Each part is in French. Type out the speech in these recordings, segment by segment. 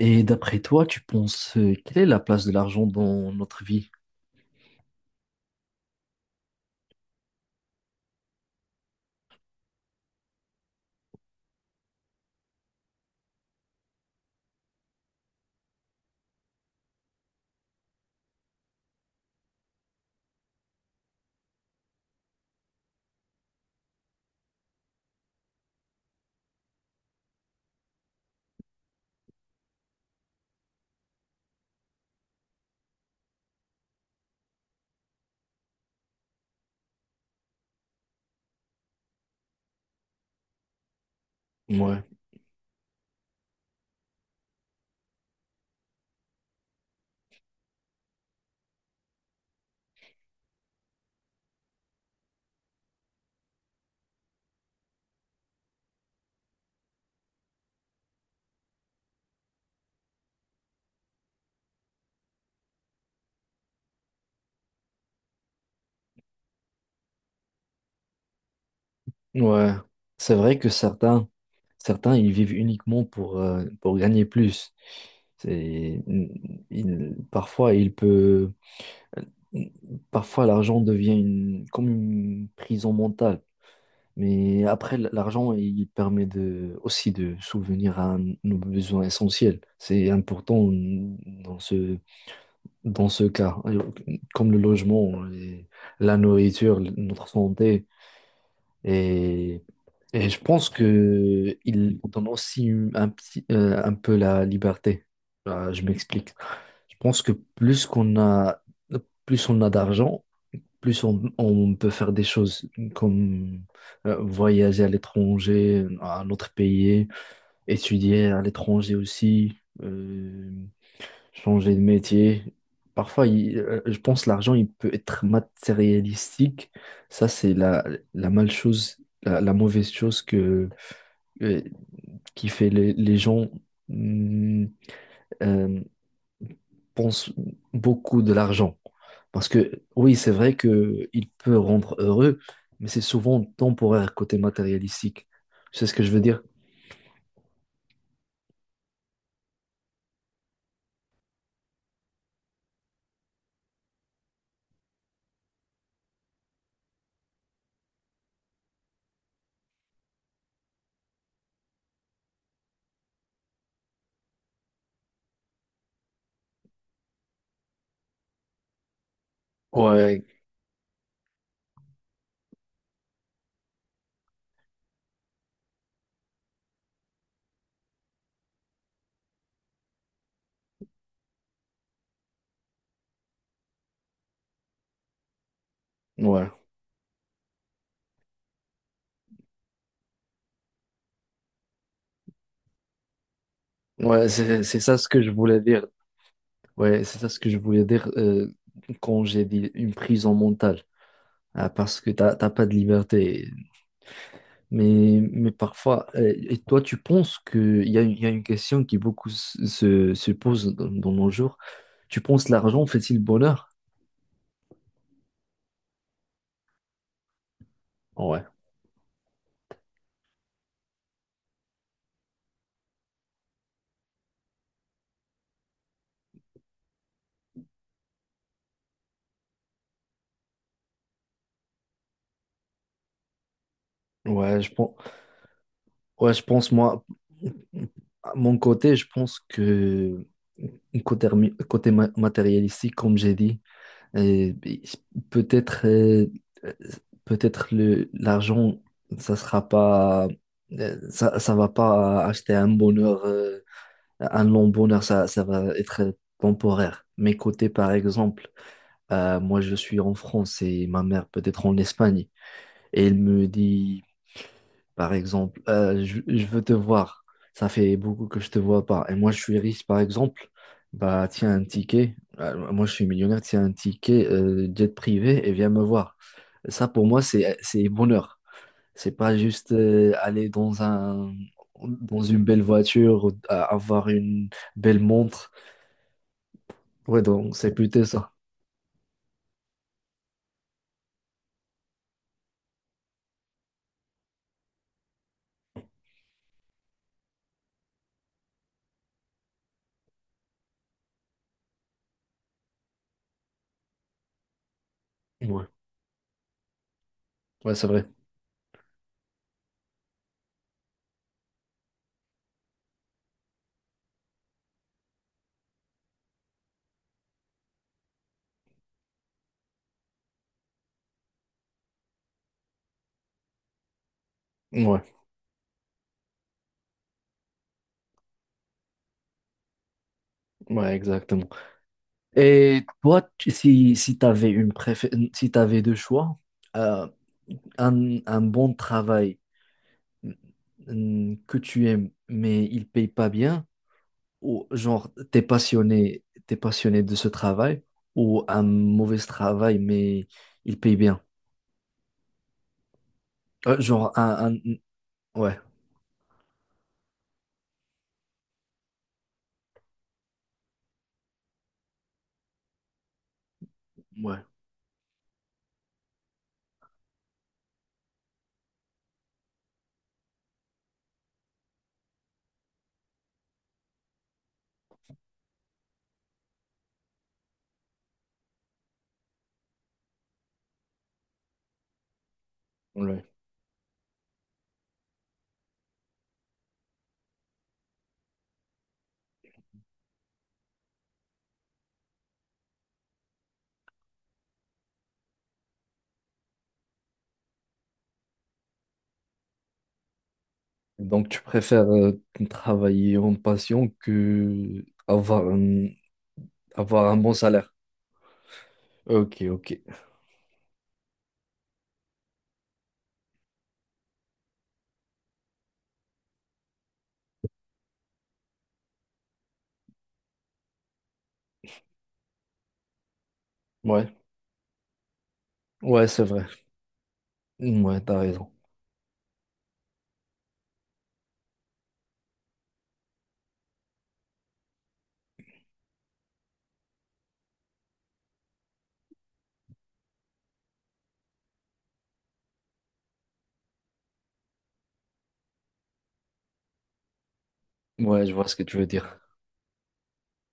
Et d'après toi, tu penses, quelle est la place de l'argent dans notre vie? Ouais, ouais. C'est vrai que certains, certains ils vivent uniquement pour gagner plus. C'est, Parfois, parfois l'argent devient comme une prison mentale. Mais après, l'argent, il permet de, aussi de souvenir à nos besoins essentiels. C'est important dans ce, Dans ce cas, comme le logement, et la nourriture, notre santé, et, je pense que il donne aussi un petit, un peu la liberté. Je m'explique. Je pense que plus on a d'argent, plus on peut faire des choses comme voyager à l'étranger, à un autre pays, étudier à l'étranger aussi. euh, Changer de métier. Parfois, je pense l'argent, il peut être matérialistique. Ça, c'est la mal chose, la mauvaise chose que, euh, qui fait les gens mm, euh, pensent beaucoup de l'argent. Parce que oui, c'est vrai que il peut rendre heureux, mais c'est souvent temporaire côté matérialistique. C'est ce que je veux dire? Ouais, ouais, ouais, c'est ça ce que je voulais dire. Ouais, c'est ça ce que je voulais dire quand j'ai dit une prison mentale. Ah, parce que t'as pas de liberté. Mais parfois, et toi, tu penses que il y a, il y a une question qui beaucoup se pose dans, dans nos jours. Tu penses l'argent fait-il bonheur? Ouais. Ouais, je pense, ouais, je pense, moi, à mon côté, je pense que côté, côté matérialistique, comme j'ai dit, euh, peut-être euh, euh, peut-être le l'argent, ça sera pas, ça, ça va pas acheter un bonheur, un long bonheur, ça va être temporaire. Mais côté, par exemple, moi, je suis en France et ma mère peut-être en Espagne. Et elle me dit, par exemple. Je veux te voir. Ça fait beaucoup que je te vois pas. Et moi, je suis riche, par exemple. Bah, tiens un ticket. Moi, je suis millionnaire. Tiens un ticket jet privé et viens me voir. Ça, pour moi, c'est bonheur. C'est pas juste aller dans un dans une belle voiture, ou, avoir une belle montre. Ouais, donc c'est plutôt ça. Ouais, ouais, c'est vrai. Ouais, ouais, exactement. Et toi, si t'avais si t'avais deux choix. Euh, un bon travail, mm, que tu aimes, mais il paye pas bien, ou genre t'es passionné de ce travail, ou un mauvais travail, mais il paye bien. Euh, genre un, un- mm, ouais, ouais, ouais. Donc tu préfères travailler en passion que avoir avoir un bon salaire. Ok, ok. Ouais, ouais, c'est vrai. Ouais, t'as raison. Ouais, je vois ce que tu veux dire.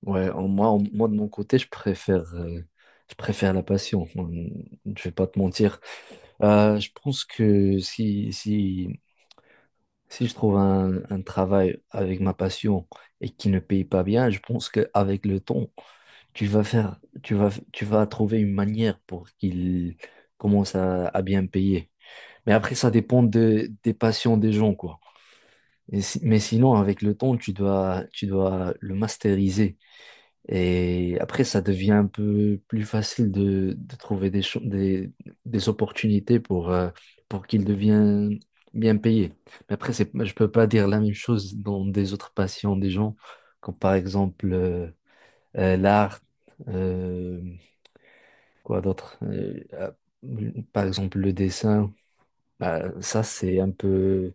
Ouais, moi de mon côté, je préfère la passion. Hum. Je vais pas te mentir. Je pense que si je trouve un travail avec ma passion et qui ne paye pas bien, je pense qu'avec le temps, tu vas faire, tu vas trouver une manière pour qu'il commence à bien payer. Mais après, ça dépend de, des passions des gens, quoi. Mais sinon, avec le temps, tu dois le masteriser. Et après, ça devient un peu plus facile de trouver des opportunités pour qu'ils deviennent bien payés. Mais après, c'est, je peux pas dire la même chose dans des autres passions des gens, comme par exemple l'art, euh, quoi d'autre, par exemple le dessin. Bah, ça, c'est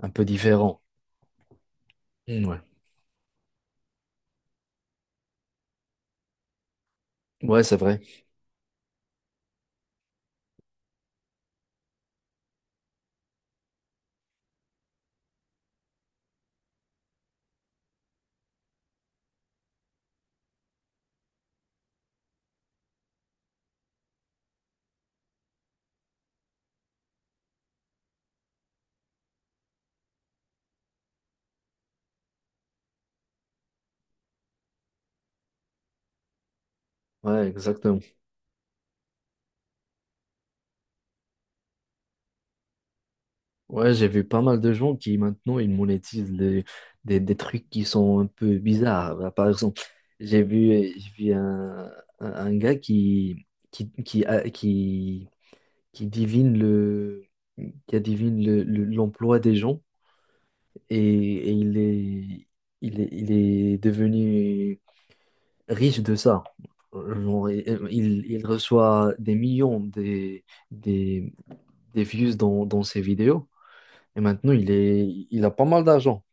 un peu différent. Mmh. Ouais, ouais, c'est vrai. Ouais, exactement. Ouais, j'ai vu pas mal de gens qui maintenant ils monétisent des trucs qui sont un peu bizarres. Bah, par exemple, j'ai vu un gars qui, a- qui, qui divine le, qui adivine l'emploi des gens et, et il est, il est devenu riche de ça. Genre, il reçoit des millions des, des views dans, dans ses vidéos. Et maintenant, il a pas mal d'argent.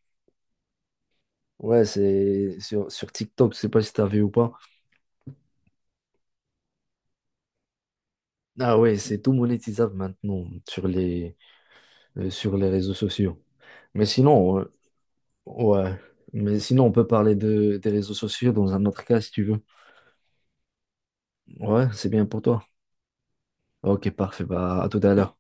Ouais, c'est sur, sur TikTok, je sais pas si t'as vu ou pas. Ah ouais, c'est tout monétisable maintenant sur les réseaux sociaux. Mais sinon, ouais. Mais sinon, on peut parler de, des réseaux sociaux dans un autre cas si tu veux. Ouais, c'est bien pour toi. Ok, parfait. Bah, à tout à l'heure.